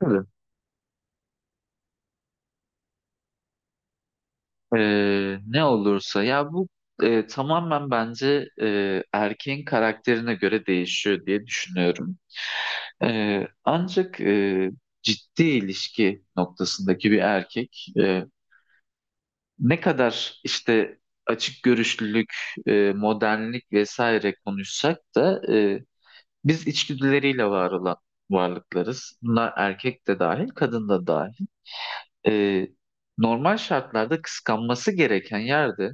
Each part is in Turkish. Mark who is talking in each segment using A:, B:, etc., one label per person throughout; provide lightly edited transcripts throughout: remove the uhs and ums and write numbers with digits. A: Tabii. Ne olursa ya bu tamamen bence erkeğin karakterine göre değişiyor diye düşünüyorum. Ancak ciddi ilişki noktasındaki bir erkek ne kadar işte açık görüşlülük, modernlik vesaire konuşsak da biz içgüdüleriyle var olan varlıklarız. Bunlar erkek de dahil, kadın da dahil. Ee, Normal şartlarda kıskanması gereken yerde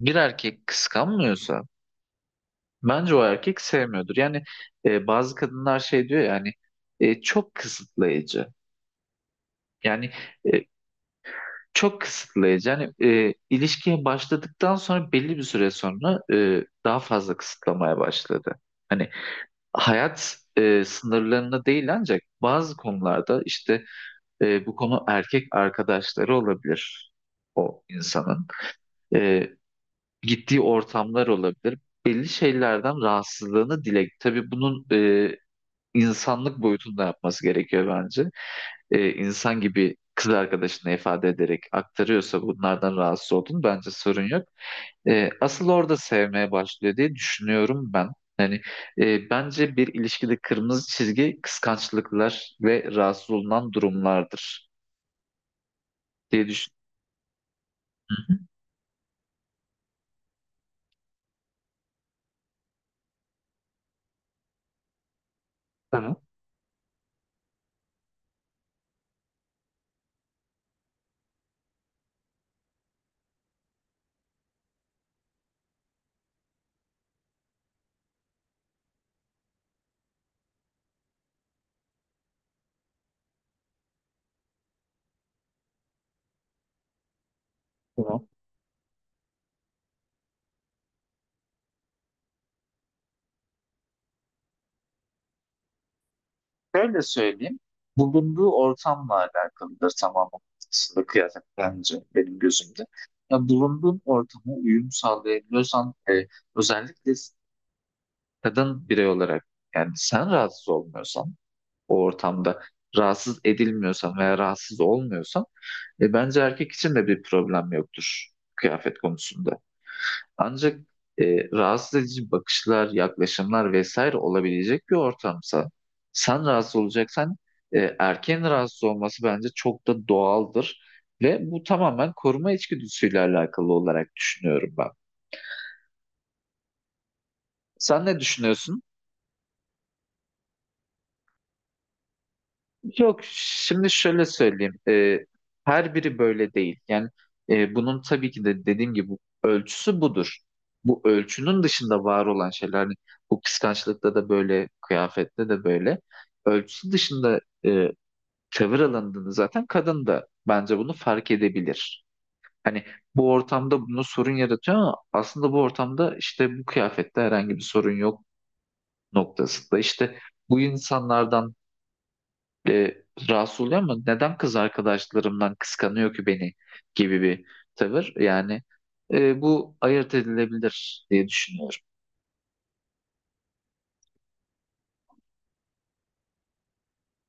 A: bir erkek kıskanmıyorsa bence o erkek sevmiyordur. Yani bazı kadınlar şey diyor yani çok kısıtlayıcı. Yani e, çok kısıtlayıcı. Yani ilişkiye başladıktan sonra belli bir süre sonra daha fazla kısıtlamaya başladı. Hani hayat sınırlarına değil ancak bazı konularda işte bu konu erkek arkadaşları olabilir o insanın. E, gittiği ortamlar olabilir. Belli şeylerden rahatsızlığını dile. Tabii bunun insanlık boyutunda yapması gerekiyor bence. E, insan gibi kız arkadaşına ifade ederek aktarıyorsa bunlardan rahatsız olduğunu bence sorun yok. E, asıl orada sevmeye başlıyor diye düşünüyorum ben. Yani bence bir ilişkide kırmızı çizgi kıskançlıklar ve rahatsız olunan durumlardır diye düşünüyorum. Tamam. Tamam. Şöyle söyleyeyim. Bulunduğu ortamla alakalıdır tamamen aslında kıyafet bence benim gözümde. Ya bulunduğun ortama uyum sağlayabiliyorsan özellikle kadın birey olarak yani sen rahatsız olmuyorsan o ortamda rahatsız edilmiyorsan veya rahatsız olmuyorsan bence erkek için de bir problem yoktur kıyafet konusunda. Ancak rahatsız edici bakışlar, yaklaşımlar vesaire olabilecek bir ortamsa sen rahatsız olacaksan erkeğin rahatsız olması bence çok da doğaldır. Ve bu tamamen koruma içgüdüsüyle alakalı olarak düşünüyorum ben. Sen ne düşünüyorsun? Yok, şimdi şöyle söyleyeyim. Her biri böyle değil. Yani bunun tabii ki de dediğim gibi ölçüsü budur. Bu ölçünün dışında var olan şeyler hani bu kıskançlıkta da böyle, kıyafette de böyle. Ölçüsü dışında e, tavır alındığını zaten kadın da bence bunu fark edebilir. Hani bu ortamda bunu sorun yaratıyor ama aslında bu ortamda işte bu kıyafette herhangi bir sorun yok noktasında. İşte bu insanlardan e, rahatsız oluyor ama neden kız arkadaşlarımdan kıskanıyor ki beni gibi bir tavır. Yani bu ayırt edilebilir diye düşünüyorum.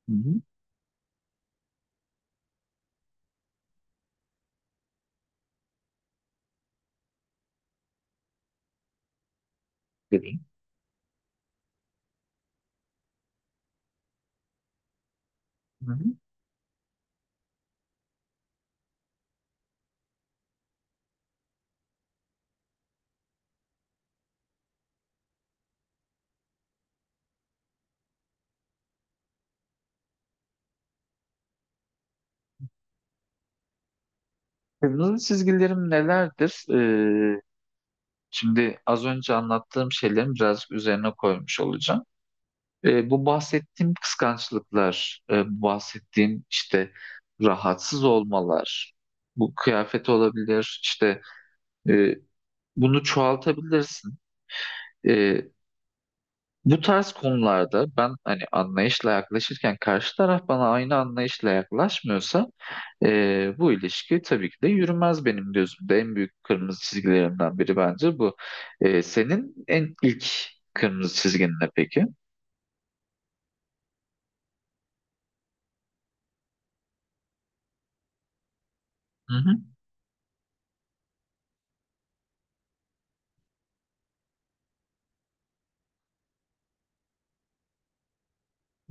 A: Hı hı. Dedim. Hı hı. Kırmızı çizgilerim nelerdir? E, şimdi az önce anlattığım şeylerin birazcık üzerine koymuş olacağım. E, bu bahsettiğim kıskançlıklar, e, bu bahsettiğim işte rahatsız olmalar, bu kıyafet olabilir, işte e, bunu çoğaltabilirsin. E, bu tarz konularda ben hani anlayışla yaklaşırken karşı taraf bana aynı anlayışla yaklaşmıyorsa bu ilişki tabii ki de yürümez benim gözümde. En büyük kırmızı çizgilerimden biri bence bu. E, senin en ilk kırmızı çizgin ne peki? Hı hı.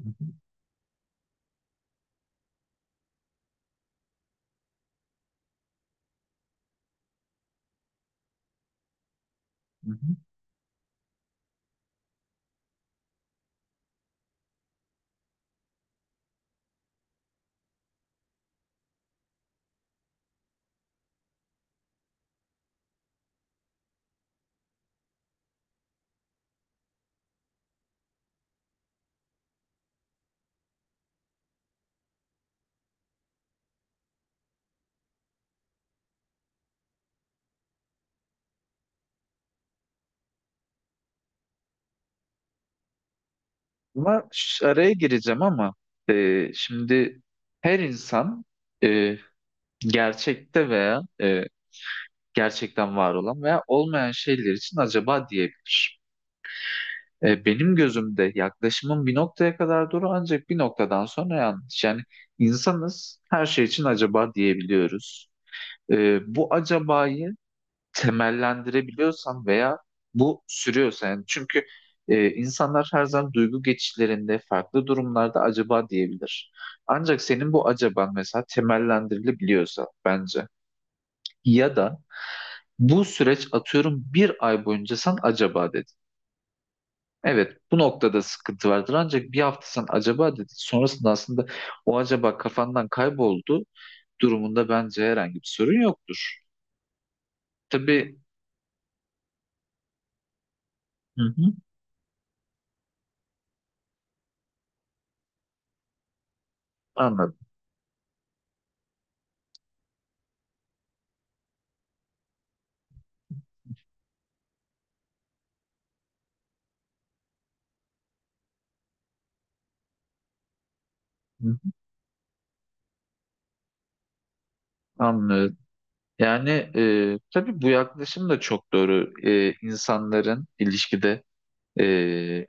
A: Hı hı. Hı hı. Ama araya gireceğim ama şimdi her insan e, gerçekte veya gerçekten var olan veya olmayan şeyler için acaba diyebilir. E, benim gözümde yaklaşımın bir noktaya kadar doğru ancak bir noktadan sonra yanlış. Yani insanız her şey için acaba diyebiliyoruz. E, bu acabayı temellendirebiliyorsan veya bu sürüyorsa yani çünkü insanlar her zaman duygu geçişlerinde farklı durumlarda acaba diyebilir. Ancak senin bu acaban mesela temellendirilebiliyorsa bence ya da bu süreç atıyorum bir ay boyunca sen acaba dedin. Evet, bu noktada sıkıntı vardır. Ancak bir hafta sen acaba dedin. Sonrasında aslında o acaba kafandan kayboldu durumunda bence herhangi bir sorun yoktur. Tabii. Hı hı. Anladım. Hı hı. Anlıyorum. Yani tabii bu yaklaşım da çok doğru. E, insanların ilişkide e,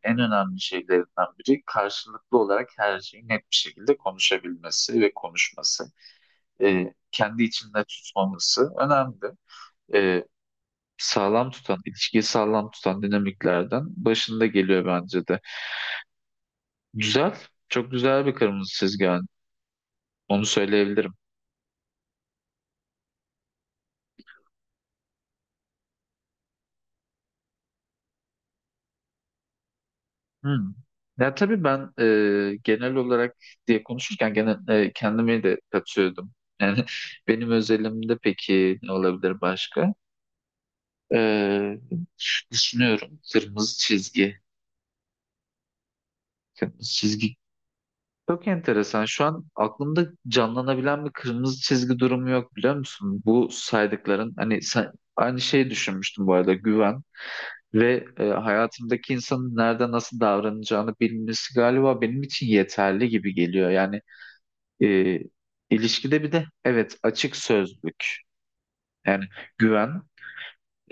A: en önemli şeylerinden biri karşılıklı olarak her şeyi net bir şekilde konuşabilmesi ve konuşması. E, kendi içinde tutmaması önemli. E, sağlam tutan, ilişkiyi sağlam tutan dinamiklerden başında geliyor bence de. Güzel, çok güzel bir kırmızı çizgi. Yani. Onu söyleyebilirim. Hmm. Ya tabii ben genel olarak diye konuşurken gene kendimi de katıyordum. Yani benim özelimde peki ne olabilir başka? E, düşünüyorum. Kırmızı çizgi. Kırmızı çizgi. Çok enteresan. Şu an aklımda canlanabilen bir kırmızı çizgi durumu yok biliyor musun? Bu saydıkların hani sen, aynı şeyi düşünmüştüm bu arada güven ve hayatımdaki insanın nerede nasıl davranacağını bilmesi galiba benim için yeterli gibi geliyor. Yani e, ilişkide bir de evet açık sözlük yani güven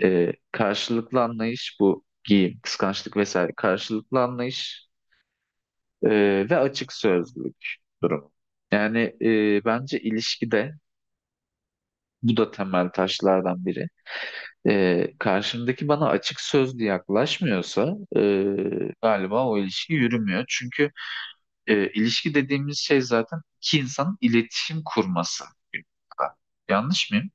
A: karşılıklı anlayış bu giyim kıskançlık vesaire karşılıklı anlayış. Ve açık sözlülük durumu. Yani bence ilişkide bu da temel taşlardan biri. Karşımdaki bana açık sözlü yaklaşmıyorsa galiba o ilişki yürümüyor. Çünkü ilişki dediğimiz şey zaten iki insanın iletişim kurması. Yanlış mıyım?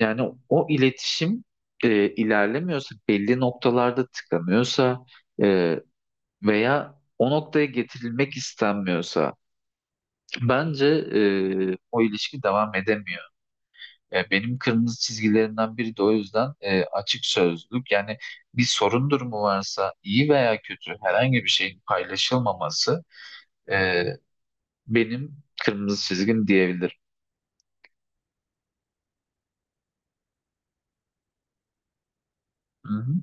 A: Yani o iletişim ilerlemiyorsa, belli noktalarda tıkanıyorsa e, veya o noktaya getirilmek istenmiyorsa bence o ilişki devam edemiyor. E, benim kırmızı çizgilerimden biri de o yüzden açık sözlülük. Yani bir sorun durumu varsa iyi veya kötü herhangi bir şeyin paylaşılmaması e, benim kırmızı çizgim diyebilirim. Hı hı.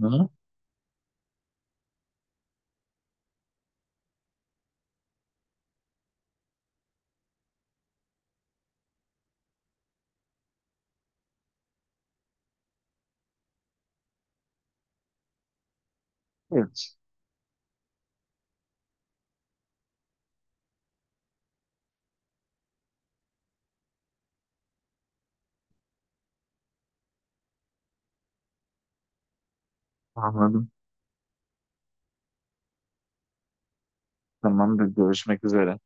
A: Hı hı. Evet. Anladım. Tamamdır. Görüşmek üzere.